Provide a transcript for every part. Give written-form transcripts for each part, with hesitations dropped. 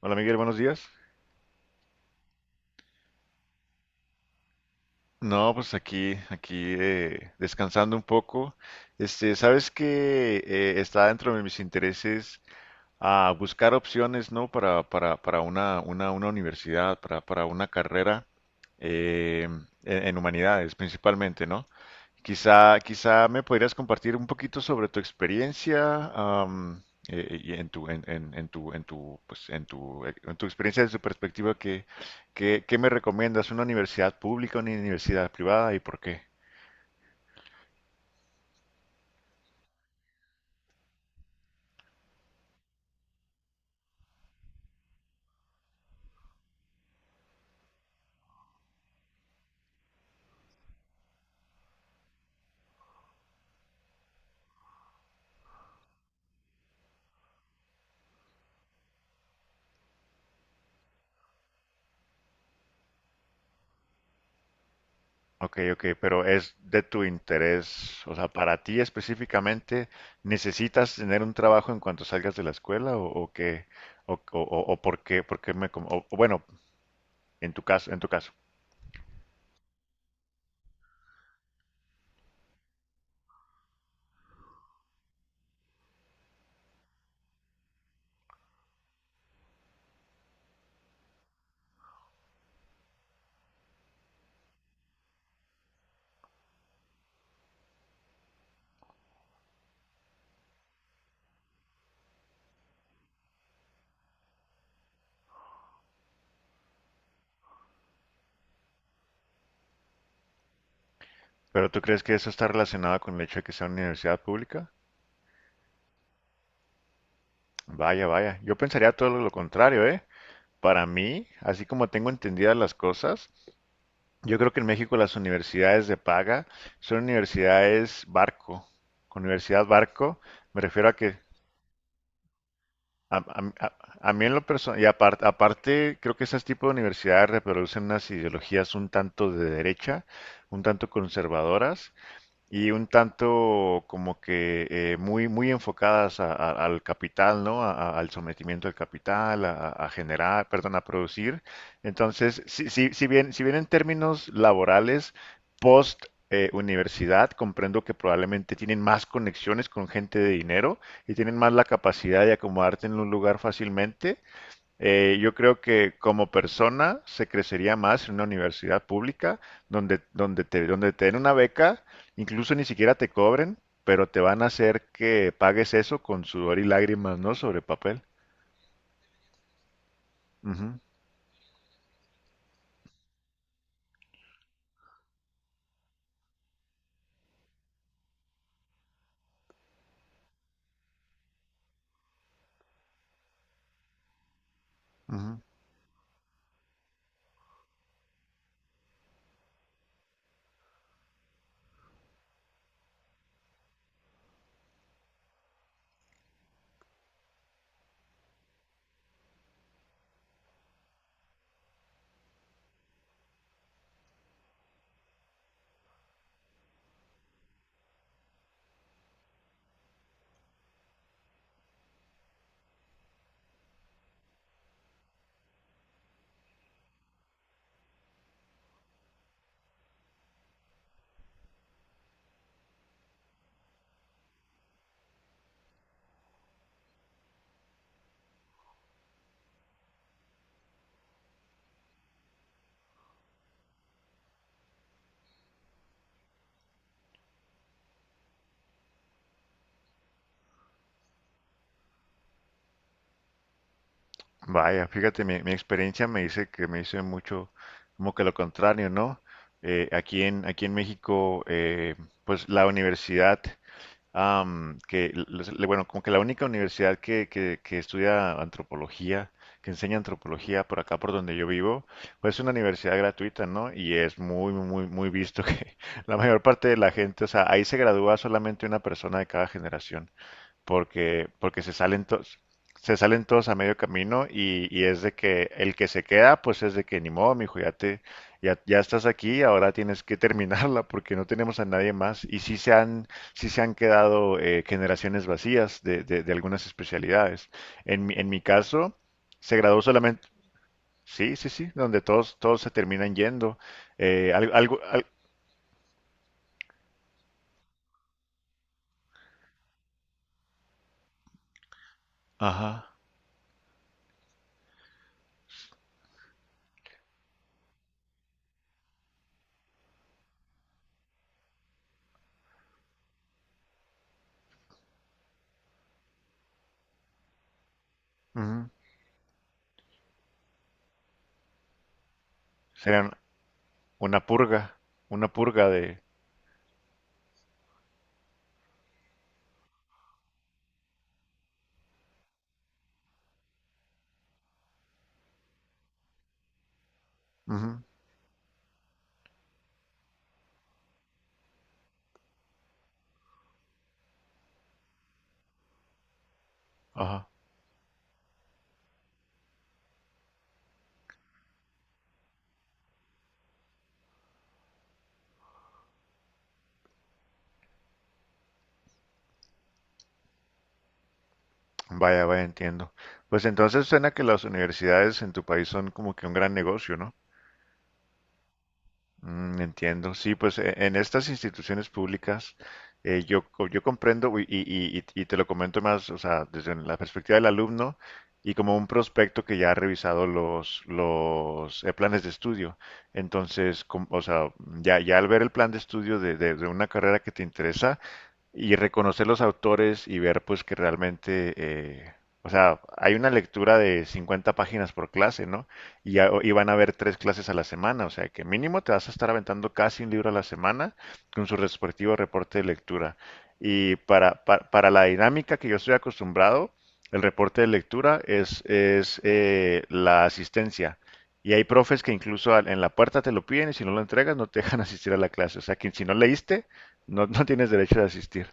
Hola Miguel, buenos días. No, pues aquí, aquí Descansando un poco. Sabes que está dentro de mis intereses a buscar opciones, ¿no? Para una universidad, para una carrera eh, en humanidades principalmente, ¿no? Quizá me podrías compartir un poquito sobre tu experiencia, y en tu, pues, en tu experiencia desde tu perspectiva, qué me recomiendas? ¿Una universidad pública, una universidad privada y por qué? Ok, pero es de tu interés, o sea, para ti específicamente, ¿necesitas tener un trabajo en cuanto salgas de la escuela o qué, o por qué me, com- o bueno, en tu caso, en tu caso. ¿Pero tú crees que eso está relacionado con el hecho de que sea una universidad pública? Vaya, vaya. Yo pensaría todo lo contrario, ¿eh? Para mí, así como tengo entendidas las cosas, yo creo que en México las universidades de paga son universidades barco. Con universidad barco me refiero a que a, a- a- a mí en lo personal, y aparte, creo que ese tipo de universidades reproducen unas ideologías un tanto de derecha, un tanto conservadoras, y un tanto como que muy enfocadas al capital, ¿no? Al sometimiento del capital, a generar, perdón, a producir. Entonces, si bien en términos laborales, post universidad, comprendo que probablemente tienen más conexiones con gente de dinero y tienen más la capacidad de acomodarte en un lugar fácilmente. Yo creo que como persona se crecería más en una universidad pública donde te den una beca, incluso ni siquiera te cobren, pero te van a hacer que pagues eso con sudor y lágrimas, ¿no? Sobre papel. Ujú, ujú. Vaya, fíjate, mi experiencia me dice que me dice mucho como que lo contrario, ¿no? Aquí en México, pues la universidad am, que, les- le- bueno, como que la única universidad que estudia antropología, que enseña antropología por acá, por donde yo vivo, pues es una universidad gratuita, ¿no? Y es muy, muy visto que la mayor parte de la gente, o sea, ahí se gradúa solamente una persona de cada generación porque se salen todos a medio camino y es de que el que se queda, pues es de que ni modo, mijo, ya estás aquí, ahora tienes que terminarla porque no tenemos a nadie más. Sí se han quedado generaciones vacías de de algunas especialidades. En mi caso, se graduó solamente, sí, sí, sí, donde todos se terminan yendo. Eh, al- algo, al- ajá, ujú, serían una purga, una purga de, ujú, ajá. Vaya, vaya, entiendo. Pues entonces suena que las universidades en tu país son como que un gran negocio, ¿no? Mm, entiendo. Sí, pues en estas instituciones públicas yo comprendo y te lo comento más, o sea, desde la perspectiva del alumno y como un prospecto que ya ha revisado los planes de estudio. Entonces, o sea, ya al ver el plan de estudio de una carrera que te interesa, y reconocer los autores y ver pues que realmente, o sea, hay una lectura de 50 páginas por clase, ¿no? Y van a haber tres clases a la semana, o sea que mínimo te vas a estar aventando casi un libro a la semana con su respectivo reporte de lectura. Y para la dinámica que yo estoy acostumbrado, el reporte de lectura es la asistencia. Y hay profes que incluso en la puerta te lo piden y si no lo entregas no te dejan asistir a la clase. O sea que si no leíste, no tienes derecho de asistir.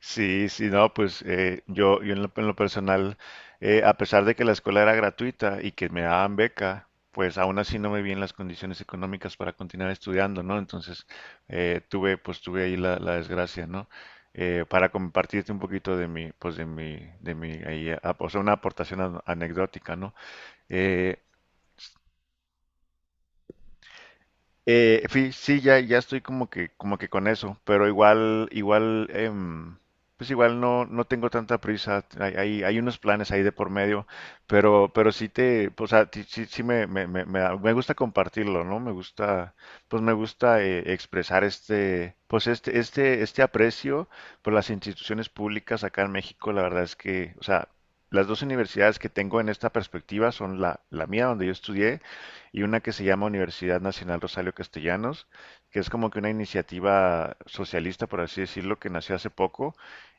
Sí, sí, no, pues yo en lo personal, a pesar de que la escuela era gratuita y que me daban beca, pues aún así no me vi en las condiciones económicas para continuar estudiando, ¿no? Entonces pues tuve ahí la desgracia, ¿no? Para compartirte un poquito de mi, pues ahí, ah, o sea, una aportación anecdótica, ¿no? Eh, sí, ya estoy como que con eso, pero igual, pues igual no, no tengo tanta prisa. Hay unos planes ahí de por medio, pero sí te, pues, o sea, sí, me me gusta compartirlo, ¿no? Me gusta, pues me gusta expresar este, pues este aprecio por las instituciones públicas acá en México. La verdad es que, o sea, las dos universidades que tengo en esta perspectiva son la mía, donde yo estudié y una que se llama Universidad Nacional Rosario Castellanos, que es como que una iniciativa socialista, por así decirlo, que nació hace poco.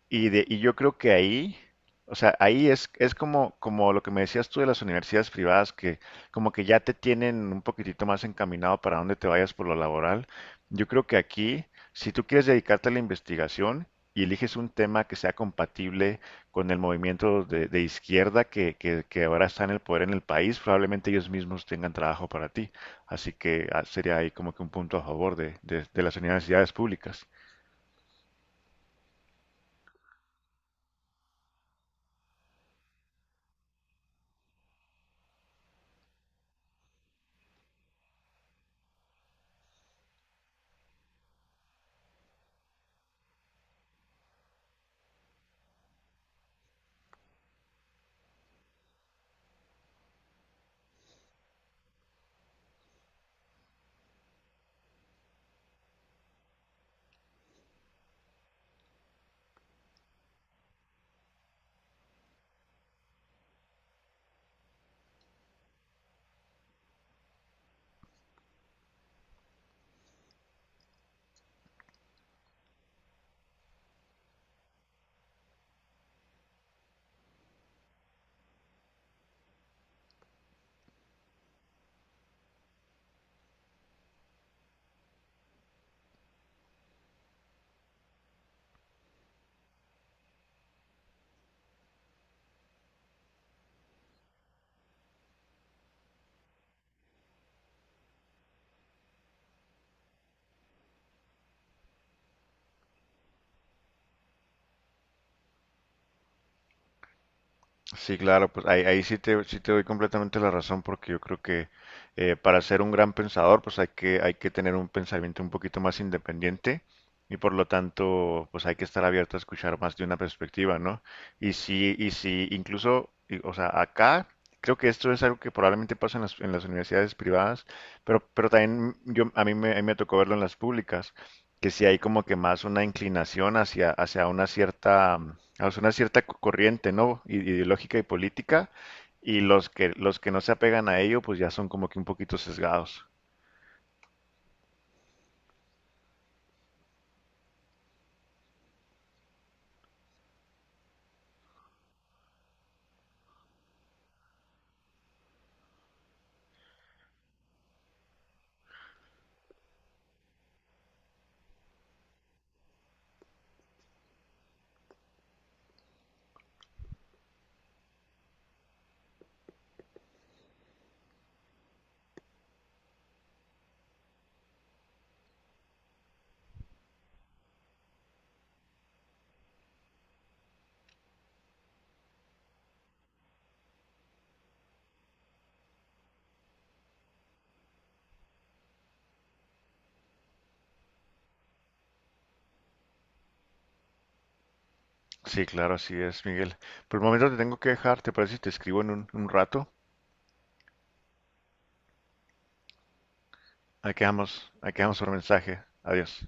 Y yo creo que ahí, o sea, ahí es como, como lo que me decías tú de las universidades privadas, que como que ya te tienen un poquitito más encaminado para dónde te vayas por lo laboral. Yo creo que aquí, si tú quieres dedicarte a la investigación y eliges un tema que sea compatible con el movimiento de izquierda que ahora está en el poder en el país, probablemente ellos mismos tengan trabajo para ti. Así que ah, sería ahí como que un punto a favor de las universidades públicas. Sí, claro, pues ahí, sí te doy completamente la razón porque yo creo que para ser un gran pensador pues hay que tener un pensamiento un poquito más independiente y por lo tanto pues hay que estar abierto a escuchar más de una perspectiva, ¿no? O sea, acá creo que esto es algo que probablemente pasa en las universidades privadas, pero también yo, a mí me tocó verlo en las públicas que si hay como que más una inclinación hacia, hacia una cierta, hacia una cierta corriente, ¿no? Ideológica y política, y los que no se apegan a ello, pues ya son como que un poquito sesgados. Sí, claro, así es, Miguel. Por el momento te tengo que dejar, ¿te parece si te escribo en un rato? Aquí vamos por mensaje. Adiós.